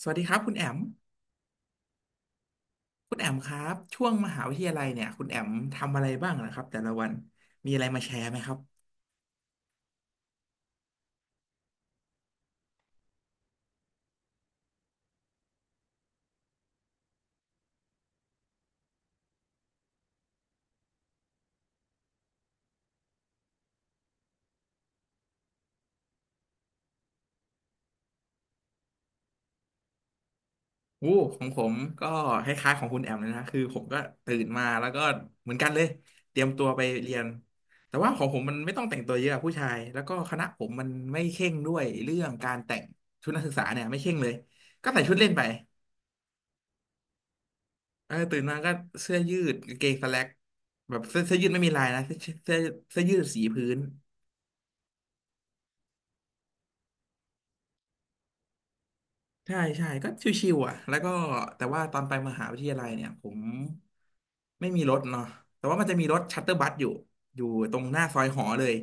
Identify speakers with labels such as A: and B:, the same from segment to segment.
A: สวัสดีครับคุณแอมคุณแอมครับช่วงมหาวิทยาลัยเนี่ยคุณแอมทำอะไรบ้างนะครับแต่ละวันมีอะไรมาแชร์ไหมครับโอ้ของผมก็คล้ายๆของคุณแอมเลยนะคือผมก็ตื่นมาแล้วก็เหมือนกันเลยเตรียมตัวไปเรียนแต่ว่าของผมมันไม่ต้องแต่งตัวเยอะผู้ชายแล้วก็คณะผมมันไม่เคร่งด้วยเรื่องการแต่งชุดนักศึกษาเนี่ยไม่เคร่งเลยก็ใส่ชุดเล่นไปเออตื่นมาก็เสื้อยืดกางเกงสแล็กแบบเสื้อยืดไม่มีลายนะเสื้อเสื้อยืดสีพื้น ใช่ใช่ก็ชิวๆอ่ะแล้วก็แต่ว่าตอนไปมหาวิทยาลัยเนี่ยผมไม่มีรถเนาะแต่ว่ามันจะมีรถชัตเตอร์บัสอยู่อยู่ตรงหน้าซอยหอเลย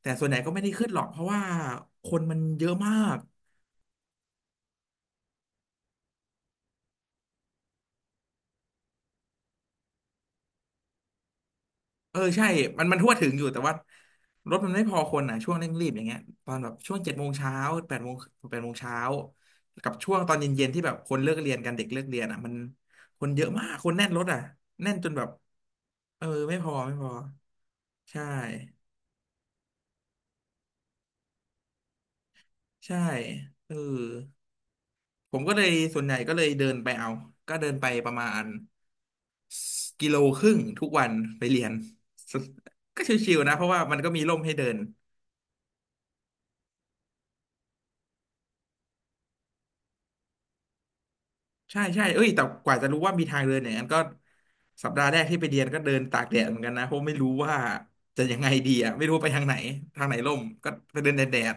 A: แต่ส่วนใหญ่ก็ไม่ได้ขึ้นหรอกเพราะว่าคนมันเยอะมากเออใช่มันทั่วถึงอยู่แต่ว่ารถมันไม่พอคนอ่ะช่วงเร่งรีบอย่างเงี้ยตอนแบบช่วงเจ็ดโมงเช้าแปดโมงแปดโมงเช้ากับช่วงตอนเย็นๆที่แบบคนเลิกเรียนกันเด็กเลิกเรียนอ่ะมันคนเยอะมากคนแน่นรถอ่ะแน่นจนแบบเออไม่พอไม่พอใช่ ใช่เออผมก็เลยส่วนใหญ่ก็เลยเดินไปเอาก็เดินไปประมาณกิโลครึ่งทุกวันไปเรียน สก็ชิวๆนะเพราะว่ามันก็มีร่มให้เดินใช่ใช่เอ้ยแต่กว่าจะรู้ว่ามีทางเดินอย่างนั้นก็สัปดาห์แรกที่ไปเรียนก็เดินตากแดดเหมือนกันนะเพราะไม่รู้ว่าจะยังไงดีอ่ะไม่รู้ไปทางไหนทางไหนร่มก็ไปเดินแดดแดด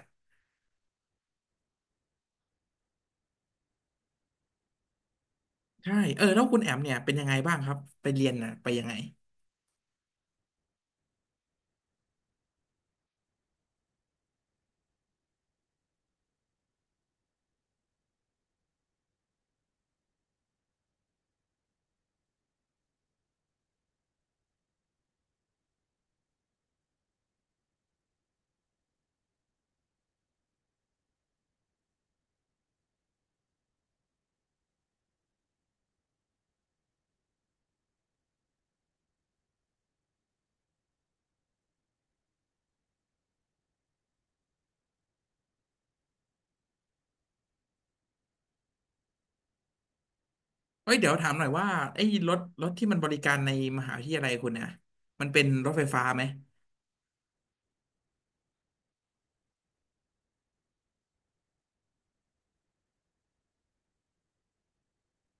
A: ใช่เออแล้วคุณแอมเนี่ยเป็นยังไงบ้างครับไปเรียนน่ะไปยังไง เฮ้ยเดี๋ยวถามหน่อยว่าไอ้รถที่มันบริการในมหาวิทยาลัยคุณเนี่ยมันเป็นรถไฟฟ้าไหม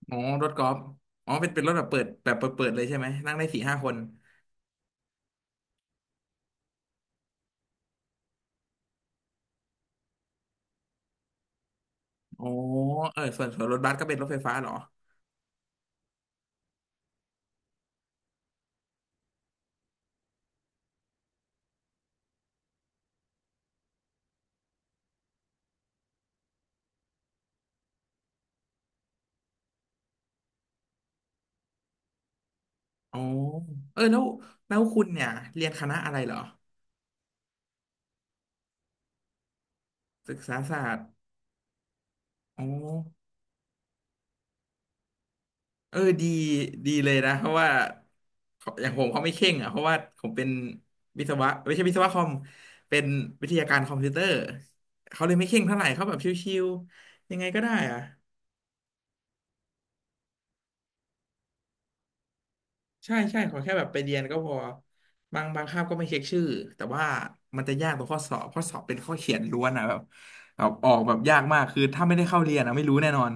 A: อ๋อรถกอล์ฟอ๋อเป็นรถแบบเปิดเลยใช่ไหมนั่งได้สี่ห้าคนอ๋อเออส่วนรถบัสก็เป็นรถไฟฟ้าเหรออ๋อเออแล้วคุณเนี่ยเรียนคณะอะไรเหรอศึกษาศาสตร์อ๋อ เออดีดีเลยนะเพราะว่าเขาอย่างผมเขาไม่เข่งอ่ะเพราะว่าผมเป็นวิศวะไม่ใช่วิศวะคอมเป็นวิทยาการคอมพิวเตอร์เขาเลยไม่เข่งเท่าไหร่เขาแบบชิวๆยังไงก็ได้อ่ะใช่ใช่ขอแค่แบบไปเรียนก็พอบางคาบก็ไม่เช็คชื่อแต่ว่ามันจะยากตรงข้อสอบข้อสอบเป็นข้อเขียนล้วนอ่ะแบบออกแบบยากมากคือถ้าไม่ได้เข้าเรียนอะไม่รู้แน่นอน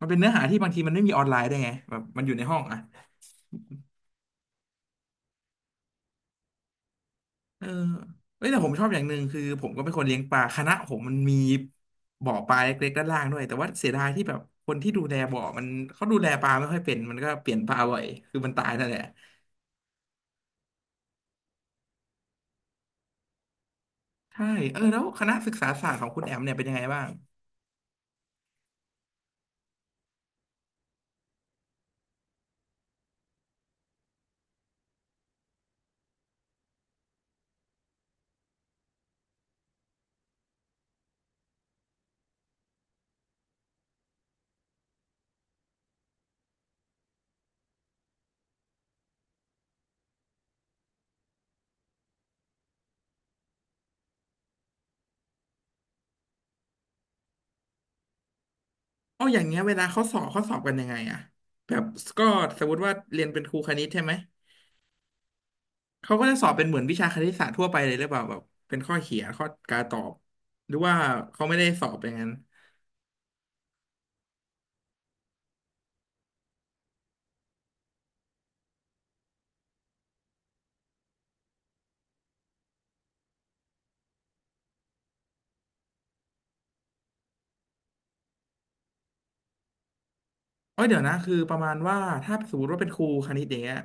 A: มันเป็นเนื้อหาที่บางทีมันไม่มีออนไลน์ได้วยไงแบบมันอยู่ในห้องอ่ะ เออเอ้ยแต่ผมชอบอย่างหนึ่งคือผมก็เป็นคนเลี้ยงปลาคณะผมมันมีบ่อปลาเล็กๆด้านล่างด้วยแต่ว่าเสียดายที่แบบคนที่ดูแลบ่อมันเขาดูแลปลาไม่ค่อยเป็นมันก็เปลี่ยนปลาบ่อยคือมันตายนั่นแหละใช่เออแล้วคณะศึกษาศาสตร์ของคุณแอมเนี่ยเป็นยังไงบ้างอ๋ออย่างเงี้ยเวลาเขาสอบเขาสอบกันยังไงอะแบบก็สมมติว่าเรียนเป็นครูคณิตใช่ไหมเขาก็จะสอบเป็นเหมือนวิชาคณิตศาสตร์ทั่วไปเลยหรือเปล่าแบบเป็นข้อเขียนข้อการตอบหรือว่าเขาไม่ได้สอบอย่างนั้น เอ้ยเดี๋ยวนะคือประมาณว่าถ้าสมมติว่าเป็นครูคณิตอย่างเนี้ย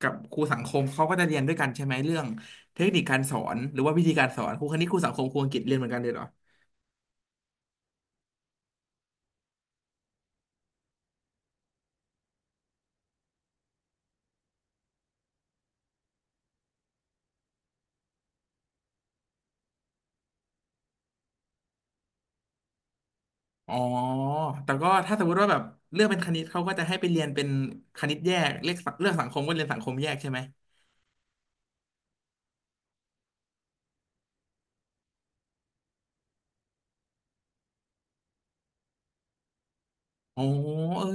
A: กับครูสังคมเขาก็จะเรียนด้วยกันใช่ไหมเรื่องเทคนิคการสอนหรือว่าวิธีการสอนครูคณิตครูสังคมครูอังกฤษเรียนเหมือนกันเลยเหรออ๋อแต่ก็ถ้าสมมติว่าแบบเลือกเป็นคณิตเขาก็จะให้ไปเรียนเป็นคณิตแยกเลขสังเลือกสังคมก็เรียนสังคมแยกใช่ไหมอ๋อเออ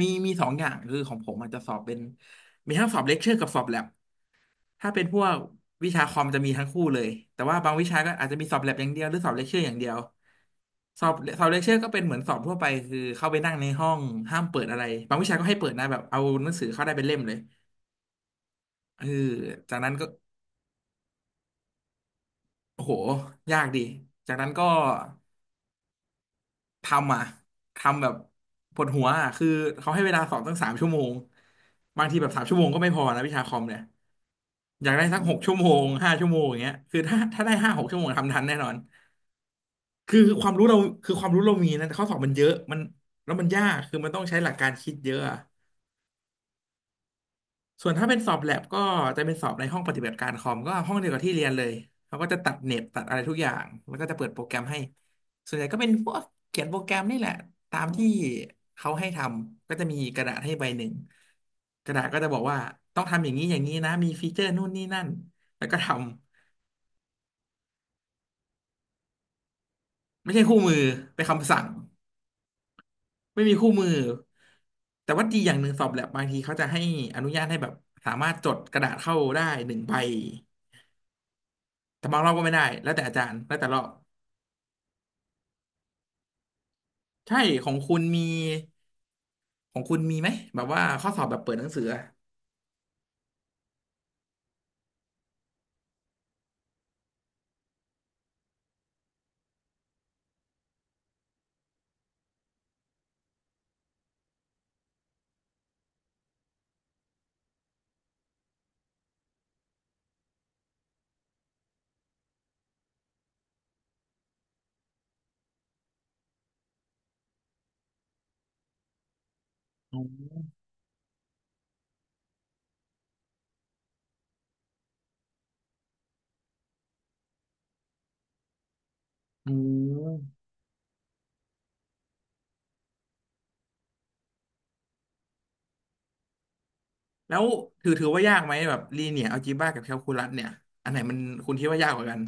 A: มีสองอย่างคือของผมอาจจะสอบเป็นมีทั้งสอบเลคเชอร์กับสอบแลบ ถ้าเป็นพวกวิชาคอมจะมีทั้งคู่เลยแต่ว่าบางวิชาก็อาจจะมีสอบแลบอย่างเดียวหรือสอบเลคเชอร์อย่างเดียวสอบสอบเลคเชอร์ก็เป็นเหมือนสอบทั่วไปคือเข้าไปนั่งในห้องห้ามเปิดอะไรบางวิชาก็ให้เปิดนะแบบเอาหนังสือเข้าได้เป็นเล่มเลยเออจากนั้นก็โอ้โหยากดีจากนั้นก็ทำอ่ะทำแบบปวดหัวอ่ะคือเขาให้เวลาสอบตั้งสามชั่วโมงบางทีแบบสามชั่วโมงก็ไม่พอนะวิชาคอมเนี่ยอยากได้สักหกชั่วโมงห้าชั่วโมงอย่างเงี้ยคือถ้าได้ห้าหกชั่วโมงทำทันแน่นอน คือความรู้เราคือความรู้เรามีนะแต่ข้อสอบมันเยอะมันแล้วมันยากคือมันต้องใช้หลักการคิดเยอะอะส่วนถ้าเป็นสอบแลบก็จะเป็นสอบในห้องปฏิบัติการคอมก็ห้องเดียวกับที่เรียนเลยเขาก็จะตัดเน็ตตัดอะไรทุกอย่างแล้วก็จะเปิดโปรแกรมให้ส่วนใหญ่ก็เป็นพวกเขียนโปรแกรมนี่แหละตามที่เขาให้ทำก็จะมีกระดาษให้ใบหนึ่งกระดาษก็จะบอกว่าต้องทำอย่างนี้อย่างนี้นะมีฟีเจอร์นู่นนี่นั่นแล้วก็ทำไม่ใช่คู่มือเป็นคำสั่ง ไม่มีคู่มือ แต่ว่าดีอย่างหนึ่งสอบแลบบางทีเขาจะให้อนุญาตให้แบบสามารถจดกระดาษเข้าได้หนึ่งใบแต่บางรอบก็ไม่ได้แล้วแต่อาจารย์แล้วแต่รอบใช่ของคุณมีของคุณมีไหมแบบว่าข้อสอบแบบเปิดหนังสืออะอ๋ออืมแล้วถือว่ายากไหมแบบลีเนียร์อัลจีบ้ากับแคลคูลัสเนี่ยอันไหนมันคุณคิดว่ายากกว่ากัน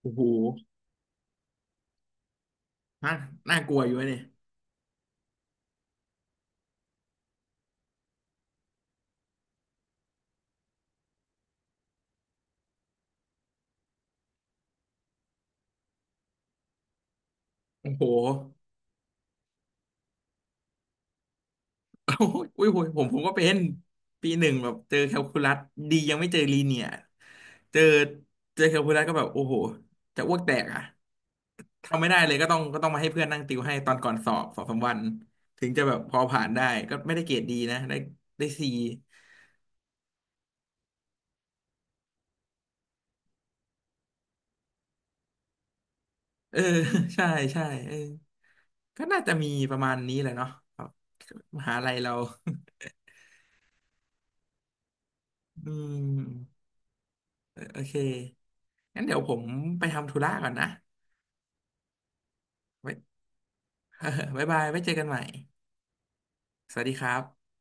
A: โอ้โหน่าน่ากลัวอยู่วะเนี่ยโอ้โห โอ้ยอุ้ยผมก็เป็นปีหนึ่งแบบเจอแคลคูลัสดียังไม่เจอลีเนียร์เจอเจอแคลคูลัสก็แบบโอ้โหจะอ้วกแตกอ่ะทำไม่ได้เลยก็ต้องมาให้เพื่อนนั่งติวให้ตอนก่อนสอบสองสามวันถึงจะแบบพอผ่านได้ก็ไม่ได้เกรดดีนะได้ได้ซีเออ ใช่ใช่เออก็น่าจะมีประมาณนี้แหละเนาะครับมหาลัยเรา อืมเออโอเคงั้นเดี๋ยวผมไปทำธุระก่อนนะไว้ บ๊ายบายไว้เจอกันใหม่ สวัสดีครับ